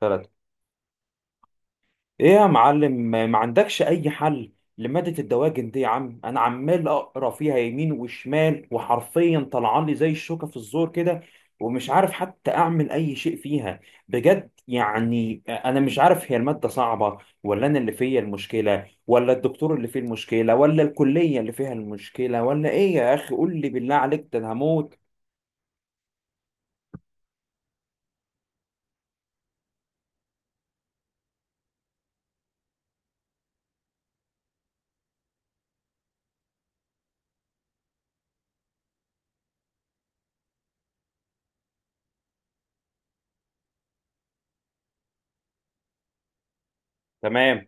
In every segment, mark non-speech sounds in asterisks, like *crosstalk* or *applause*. ثلاثة. ايه يا معلم، ما عندكش اي حل لمادة الدواجن دي يا عم؟ انا عمال اقرا فيها يمين وشمال، وحرفيا طلعان لي زي الشوكة في الزور كده، ومش عارف حتى اعمل اي شيء فيها بجد. يعني انا مش عارف، هي المادة صعبة ولا انا اللي فيا المشكلة ولا الدكتور اللي فيه المشكلة ولا الكلية اللي فيها المشكلة ولا ايه يا اخي؟ قول لي بالله عليك، ده انا هموت. تمام.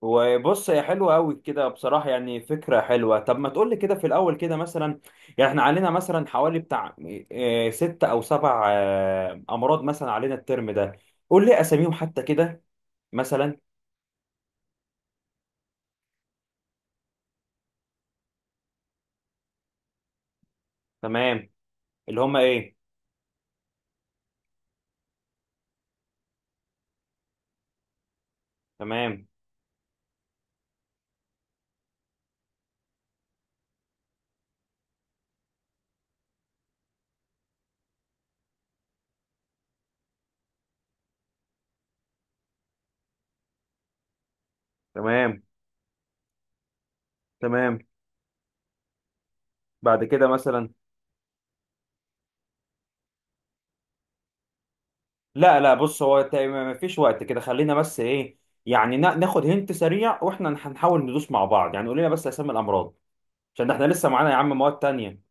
وبص، هي حلوة أوي كده بصراحة، يعني فكرة حلوة. طب ما تقولي كده في الأول كده مثلا، يعني احنا علينا مثلا حوالي بتاع ست أو سبع أمراض مثلا علينا الترم ده. قول لي أساميهم حتى كده، مثلا. تمام. اللي هما إيه؟ تمام. تمام. تمام. بعد كده مثلا. لا لا، بص هو ما فيش وقت كده، خلينا بس إيه، يعني ناخد هنت سريع، وإحنا هنحاول ندوس مع بعض، يعني قول لنا بس أسامي الأمراض، عشان ده إحنا لسه معانا يا عم مواد تانية.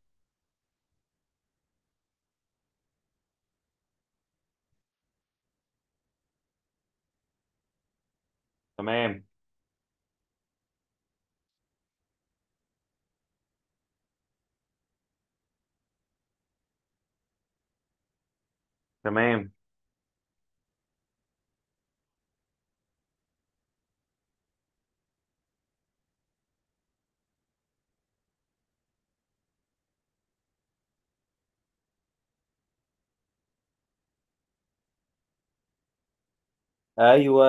تمام. تمام. ايوه،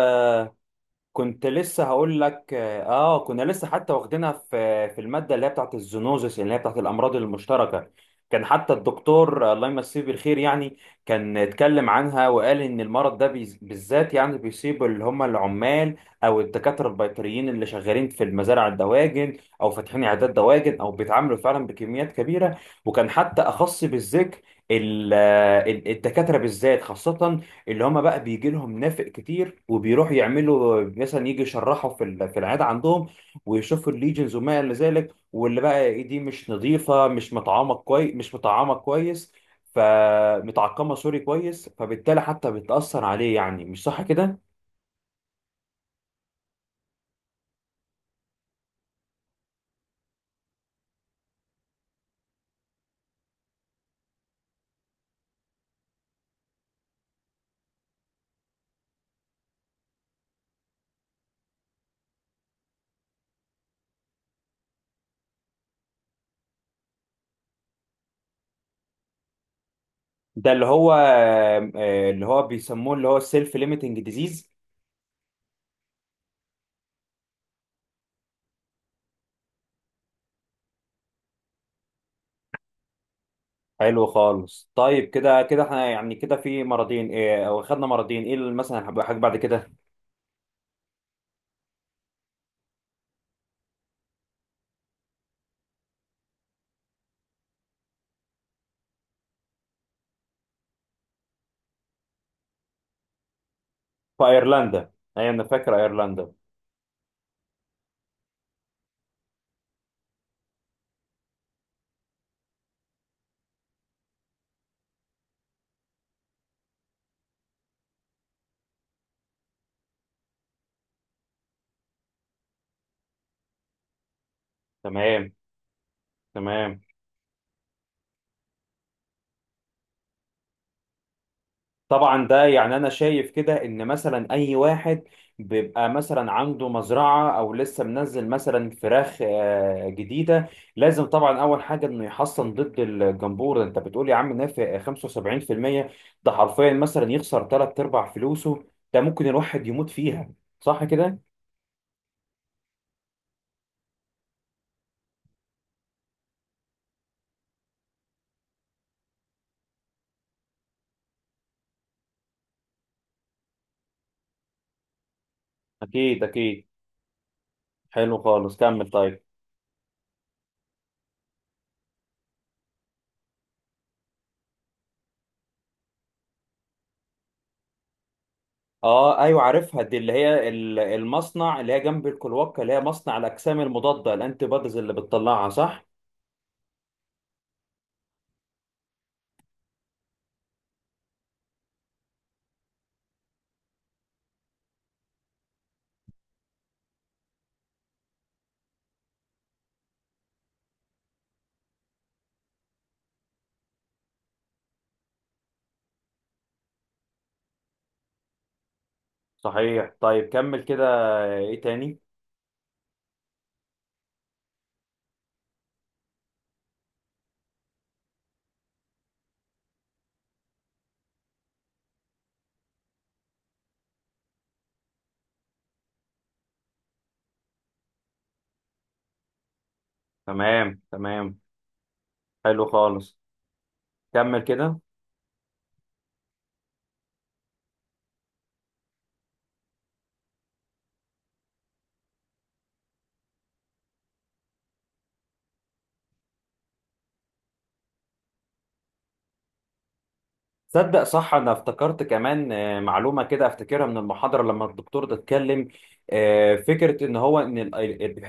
كنت لسه هقول لك، كنا لسه حتى واخدينها في الماده اللي هي بتاعت الزونوزس، اللي هي بتاعت الامراض المشتركه. كان حتى الدكتور الله يمسيه بالخير، يعني كان اتكلم عنها وقال ان المرض ده بالذات يعني بيصيب اللي هم العمال او الدكاتره البيطريين اللي شغالين في المزارع الدواجن او فاتحين عيادات دواجن او بيتعاملوا فعلا بكميات كبيره. وكان حتى اخص بالذكر ال- الدكاتره بالذات، خاصه اللي هما بقى بيجي لهم نافق كتير وبيروحوا يعملوا مثلا يجي يشرحوا في في العيادة عندهم، ويشوفوا الليجنز وما إلى ذلك، واللي بقى إيه دي مش نظيفة، مش مطعمة كويس مش مطعمة كويس، فمتعقمة سوري كويس، فبالتالي حتى بتأثر عليه. يعني مش صح كده؟ ده اللي هو، اللي هو بيسموه، اللي هو السيلف ليميتنج ديزيز. حلو خالص. طيب كده كده احنا يعني كده في مرضين ايه، او خدنا مرضين ايه اللي مثلا هيبقى حاجه بعد كده. في ايرلندا، ايوه انا فاكر ايرلندا. تمام. تمام. طبعا ده يعني انا شايف كده ان مثلا اي واحد بيبقى مثلا عنده مزرعه او لسه منزل مثلا فراخ جديده، لازم طبعا اول حاجه انه يحصن ضد الجمبور. انت بتقول يا عم نافع 75%؟ ده حرفيا مثلا يخسر ثلاث ارباع فلوسه، ده ممكن الواحد يموت فيها، صح كده. اكيد اكيد. حلو خالص، كمل طيب. اه ايوه، عارفها دي، اللي هي المصنع اللي هي جنب الكلوكه، اللي هي مصنع الاجسام المضاده الانتي بوديز اللي بتطلعها، صح؟ صحيح. طيب كمل كده، ايه تاني. تمام. تمام. حلو خالص، كمل كده. تصدق صح، انا افتكرت كمان معلومه كده افتكرها من المحاضره لما الدكتور ده اتكلم. فكره ان هو، ان ال-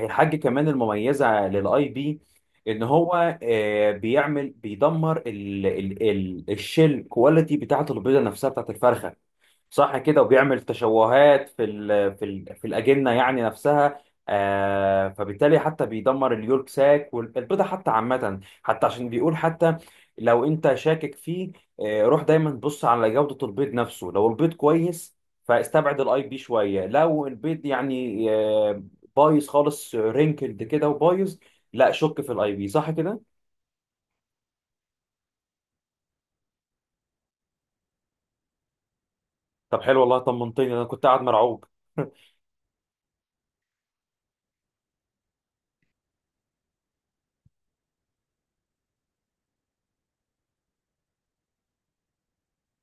الحاجه كمان المميزه للاي بي، ان هو بيعمل، بيدمر ال ال ال الشيل كواليتي بتاعه البيضه نفسها بتاعه الفرخه، صح كده؟ وبيعمل تشوهات في الاجنه يعني نفسها. فبالتالي حتى بيدمر اليولك ساك والبيضه حتى عامه، حتى عشان بيقول حتى لو انت شاكك فيه، روح دايما بص على جودة البيض نفسه، لو البيض كويس فاستبعد الاي بي شوية، لو البيض يعني بايظ خالص رينكلد كده وبايظ، لا شك في الاي بي، صح كده؟ طب حلو والله، طمنتني، انا كنت قاعد مرعوب. *laughs*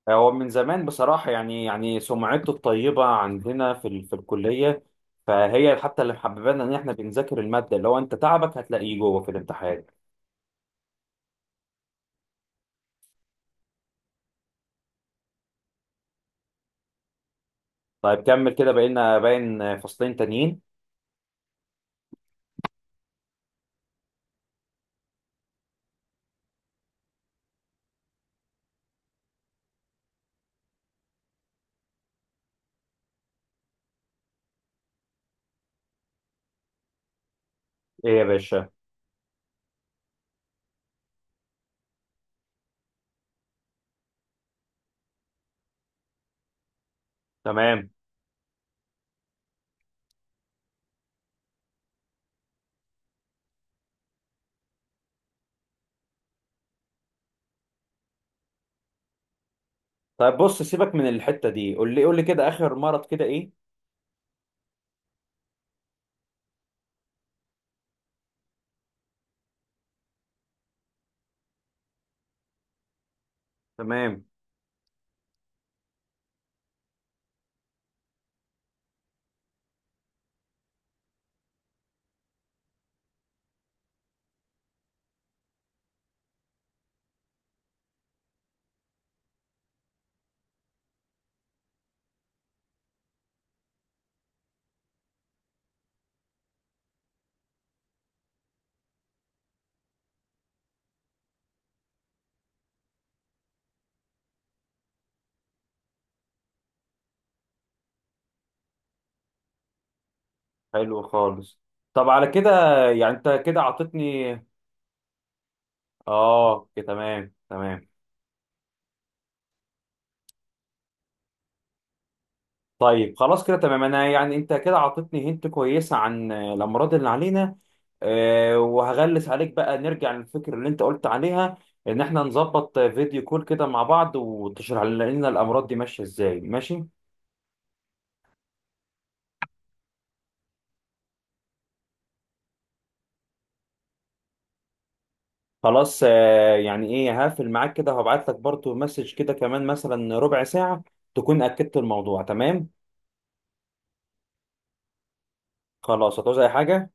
هو من زمان بصراحة، يعني سمعته الطيبة عندنا في في الكلية، فهي حتى اللي محببانا ان احنا بنذاكر المادة، اللي هو انت تعبك هتلاقيه جوه في الامتحان. طيب كمل كده، بقينا باين فصلين تانيين. ايه يا باشا؟ تمام. طيب بص، سيبك من الحتة دي، قول لي قول لي كده آخر مرض كده إيه. تمام. حلو خالص. طب على كده، يعني أنت كده عطتني. آه، كده تمام. تمام. طيب خلاص كده تمام، أنا يعني أنت كده عطتني هنت كويسة عن الأمراض اللي علينا. وهغلس عليك بقى، نرجع للفكرة اللي أنت قلت عليها، إن إحنا نظبط فيديو كول كده مع بعض وتشرح لنا الأمراض دي ماشية إزاي. ماشي. خلاص. يعني ايه، هقفل معاك كده وهبعت لك برضو مسج كده كمان مثلا ربع ساعة، تكون اكدت الموضوع. تمام. خلاص. هتعوز اي حاجة؟